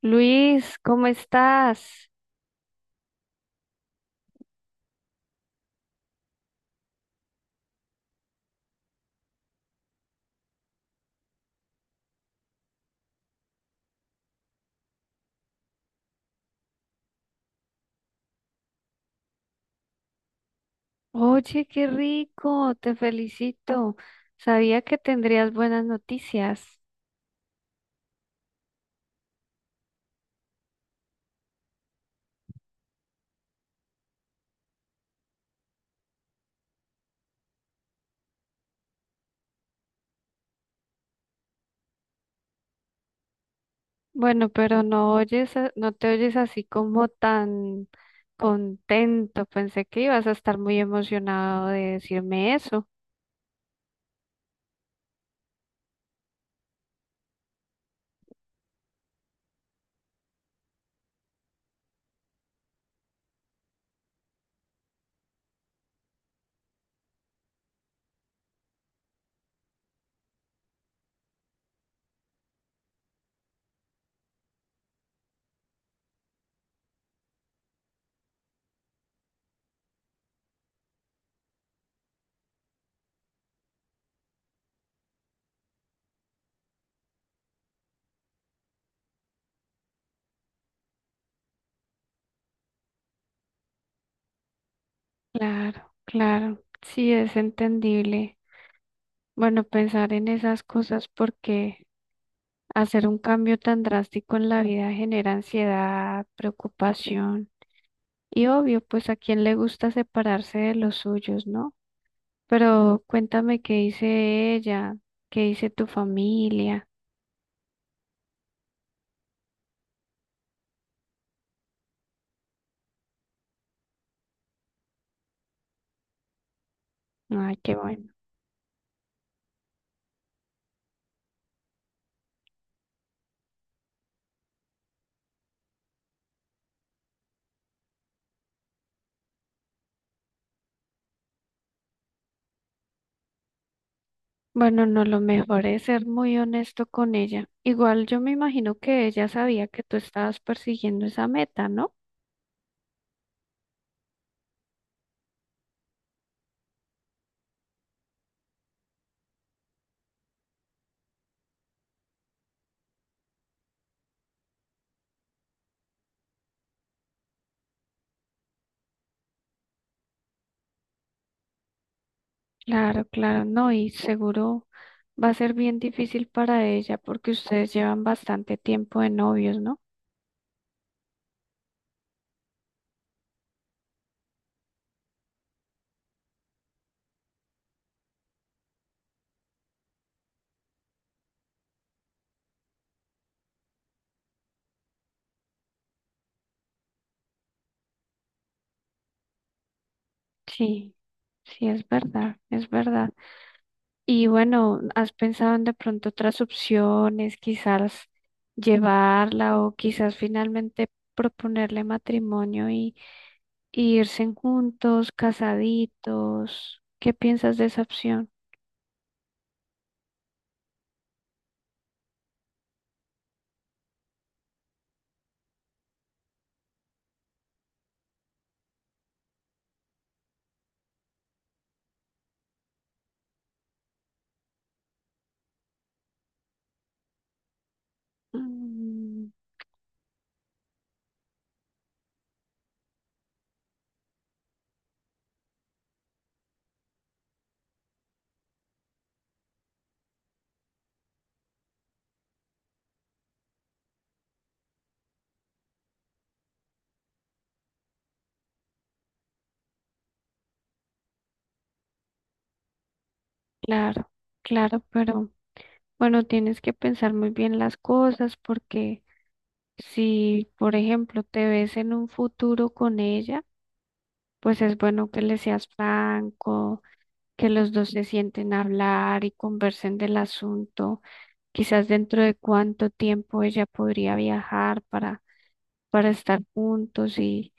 Luis, ¿cómo estás? Oye, qué rico, te felicito. Sabía que tendrías buenas noticias. Bueno, pero no oyes, no te oyes así como tan contento. Pensé que ibas a estar muy emocionado de decirme eso. Claro, claro, sí es entendible. Bueno, pensar en esas cosas porque hacer un cambio tan drástico en la vida genera ansiedad, preocupación. Y obvio, pues a quién le gusta separarse de los suyos, ¿no? Pero cuéntame qué dice ella, qué dice tu familia. Ay, qué bueno. Bueno, no, lo mejor es ser muy honesto con ella. Igual yo me imagino que ella sabía que tú estabas persiguiendo esa meta, ¿no? Claro, claro, no, y seguro va a ser bien difícil para ella porque ustedes llevan bastante tiempo de novios, ¿no? Sí, sí, es verdad, es verdad. Y bueno, ¿has pensado en de pronto otras opciones, quizás llevarla o quizás finalmente proponerle matrimonio y irse juntos, casaditos? ¿Qué piensas de esa opción? Mm, claro, claro, pero bueno, tienes que pensar muy bien las cosas porque si, por ejemplo, te ves en un futuro con ella, pues es bueno que le seas franco, que los dos se sienten a hablar y conversen del asunto, quizás dentro de cuánto tiempo ella podría viajar para estar juntos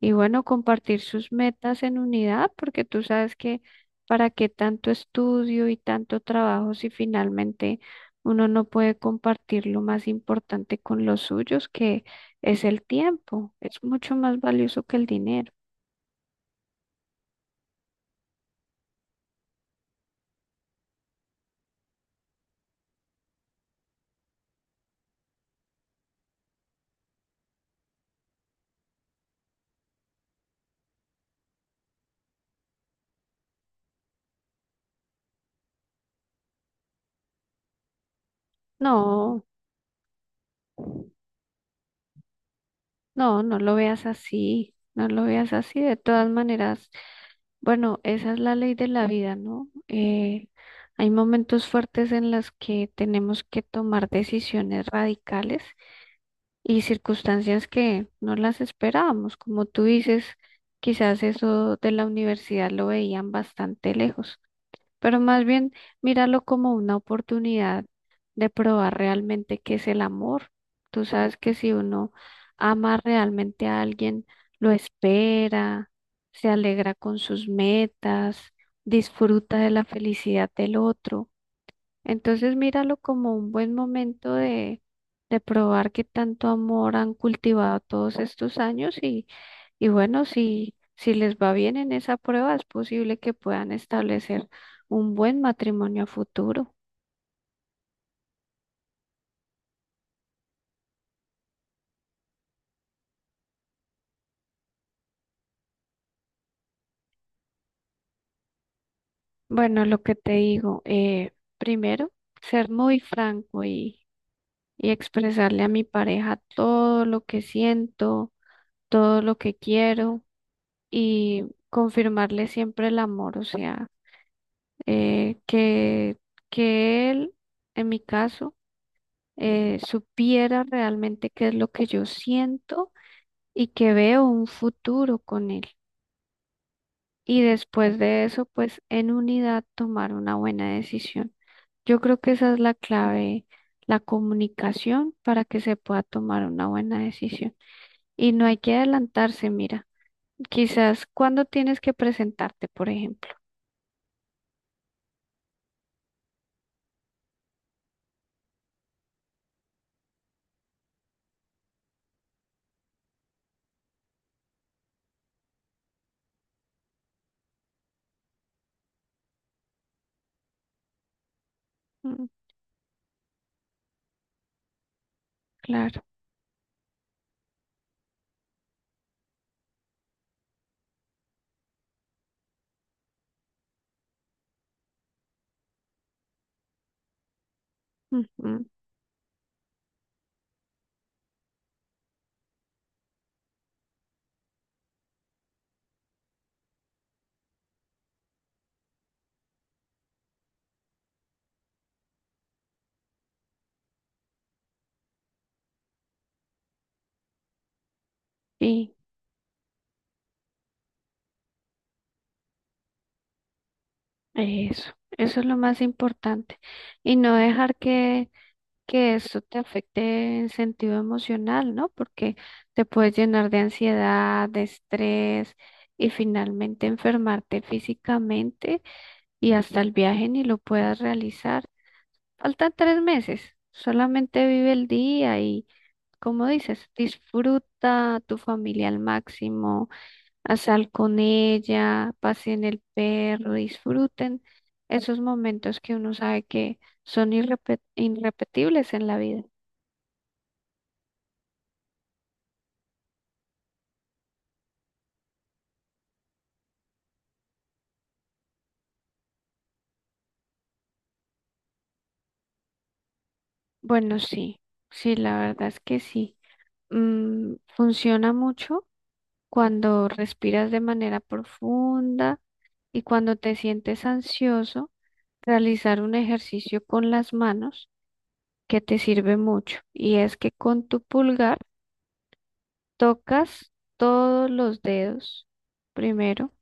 y bueno, compartir sus metas en unidad, porque tú sabes que para qué tanto estudio y tanto trabajo si finalmente uno no puede compartir lo más importante con los suyos, que es el tiempo, es mucho más valioso que el dinero. No. No, no lo veas así, no lo veas así. De todas maneras, bueno, esa es la ley de la vida, ¿no? Hay momentos fuertes en las que tenemos que tomar decisiones radicales y circunstancias que no las esperábamos. Como tú dices, quizás eso de la universidad lo veían bastante lejos, pero más bien míralo como una oportunidad de probar realmente qué es el amor. Tú sabes que si uno ama realmente a alguien, lo espera, se alegra con sus metas, disfruta de la felicidad del otro. Entonces míralo como un buen momento de probar qué tanto amor han cultivado todos estos años y bueno, si les va bien en esa prueba, es posible que puedan establecer un buen matrimonio a futuro. Bueno, lo que te digo, primero, ser muy franco y expresarle a mi pareja todo lo que siento, todo lo que quiero y confirmarle siempre el amor, o sea, eh, que, que él, en mi caso, supiera realmente qué es lo que yo siento y que veo un futuro con él. Y después de eso, pues en unidad tomar una buena decisión. Yo creo que esa es la clave, la comunicación para que se pueda tomar una buena decisión. Y no hay que adelantarse, mira, quizás cuando tienes que presentarte, por ejemplo. Mm, claro. Ujú. Y eso, eso es lo más importante. Y no dejar que eso te afecte en sentido emocional, ¿no? Porque te puedes llenar de ansiedad, de estrés y finalmente enfermarte físicamente y hasta el viaje ni lo puedas realizar. Faltan 3 meses, solamente vive el día y, como dices, disfruta a tu familia al máximo, a sal con ella, pasen el perro, disfruten esos momentos que uno sabe que son irrepetibles en la vida. Bueno, sí, sí, la verdad es que sí. Funciona mucho cuando respiras de manera profunda y cuando te sientes ansioso, realizar un ejercicio con las manos que te sirve mucho. Y es que con tu pulgar tocas todos los dedos primero,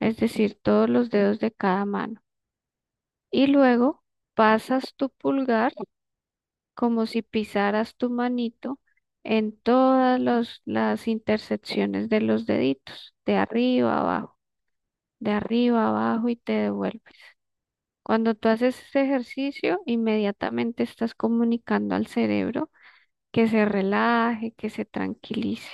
es decir, todos los dedos de cada mano. Y luego pasas tu pulgar como si pisaras tu manito en todas las intersecciones de los deditos, de arriba a abajo, de arriba a abajo y te devuelve. Cuando tú haces este ejercicio, inmediatamente estás comunicando al cerebro que se relaje, que se tranquilice.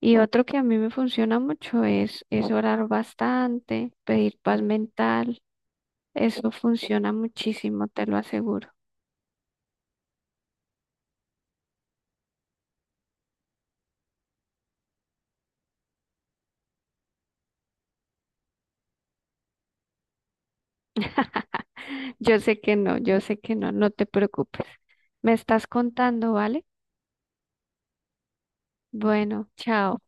Y otro que a mí me funciona mucho es orar bastante, pedir paz mental. Eso funciona muchísimo, te lo aseguro. Yo sé que no, yo sé que no, no te preocupes. Me estás contando, ¿vale? Bueno, chao.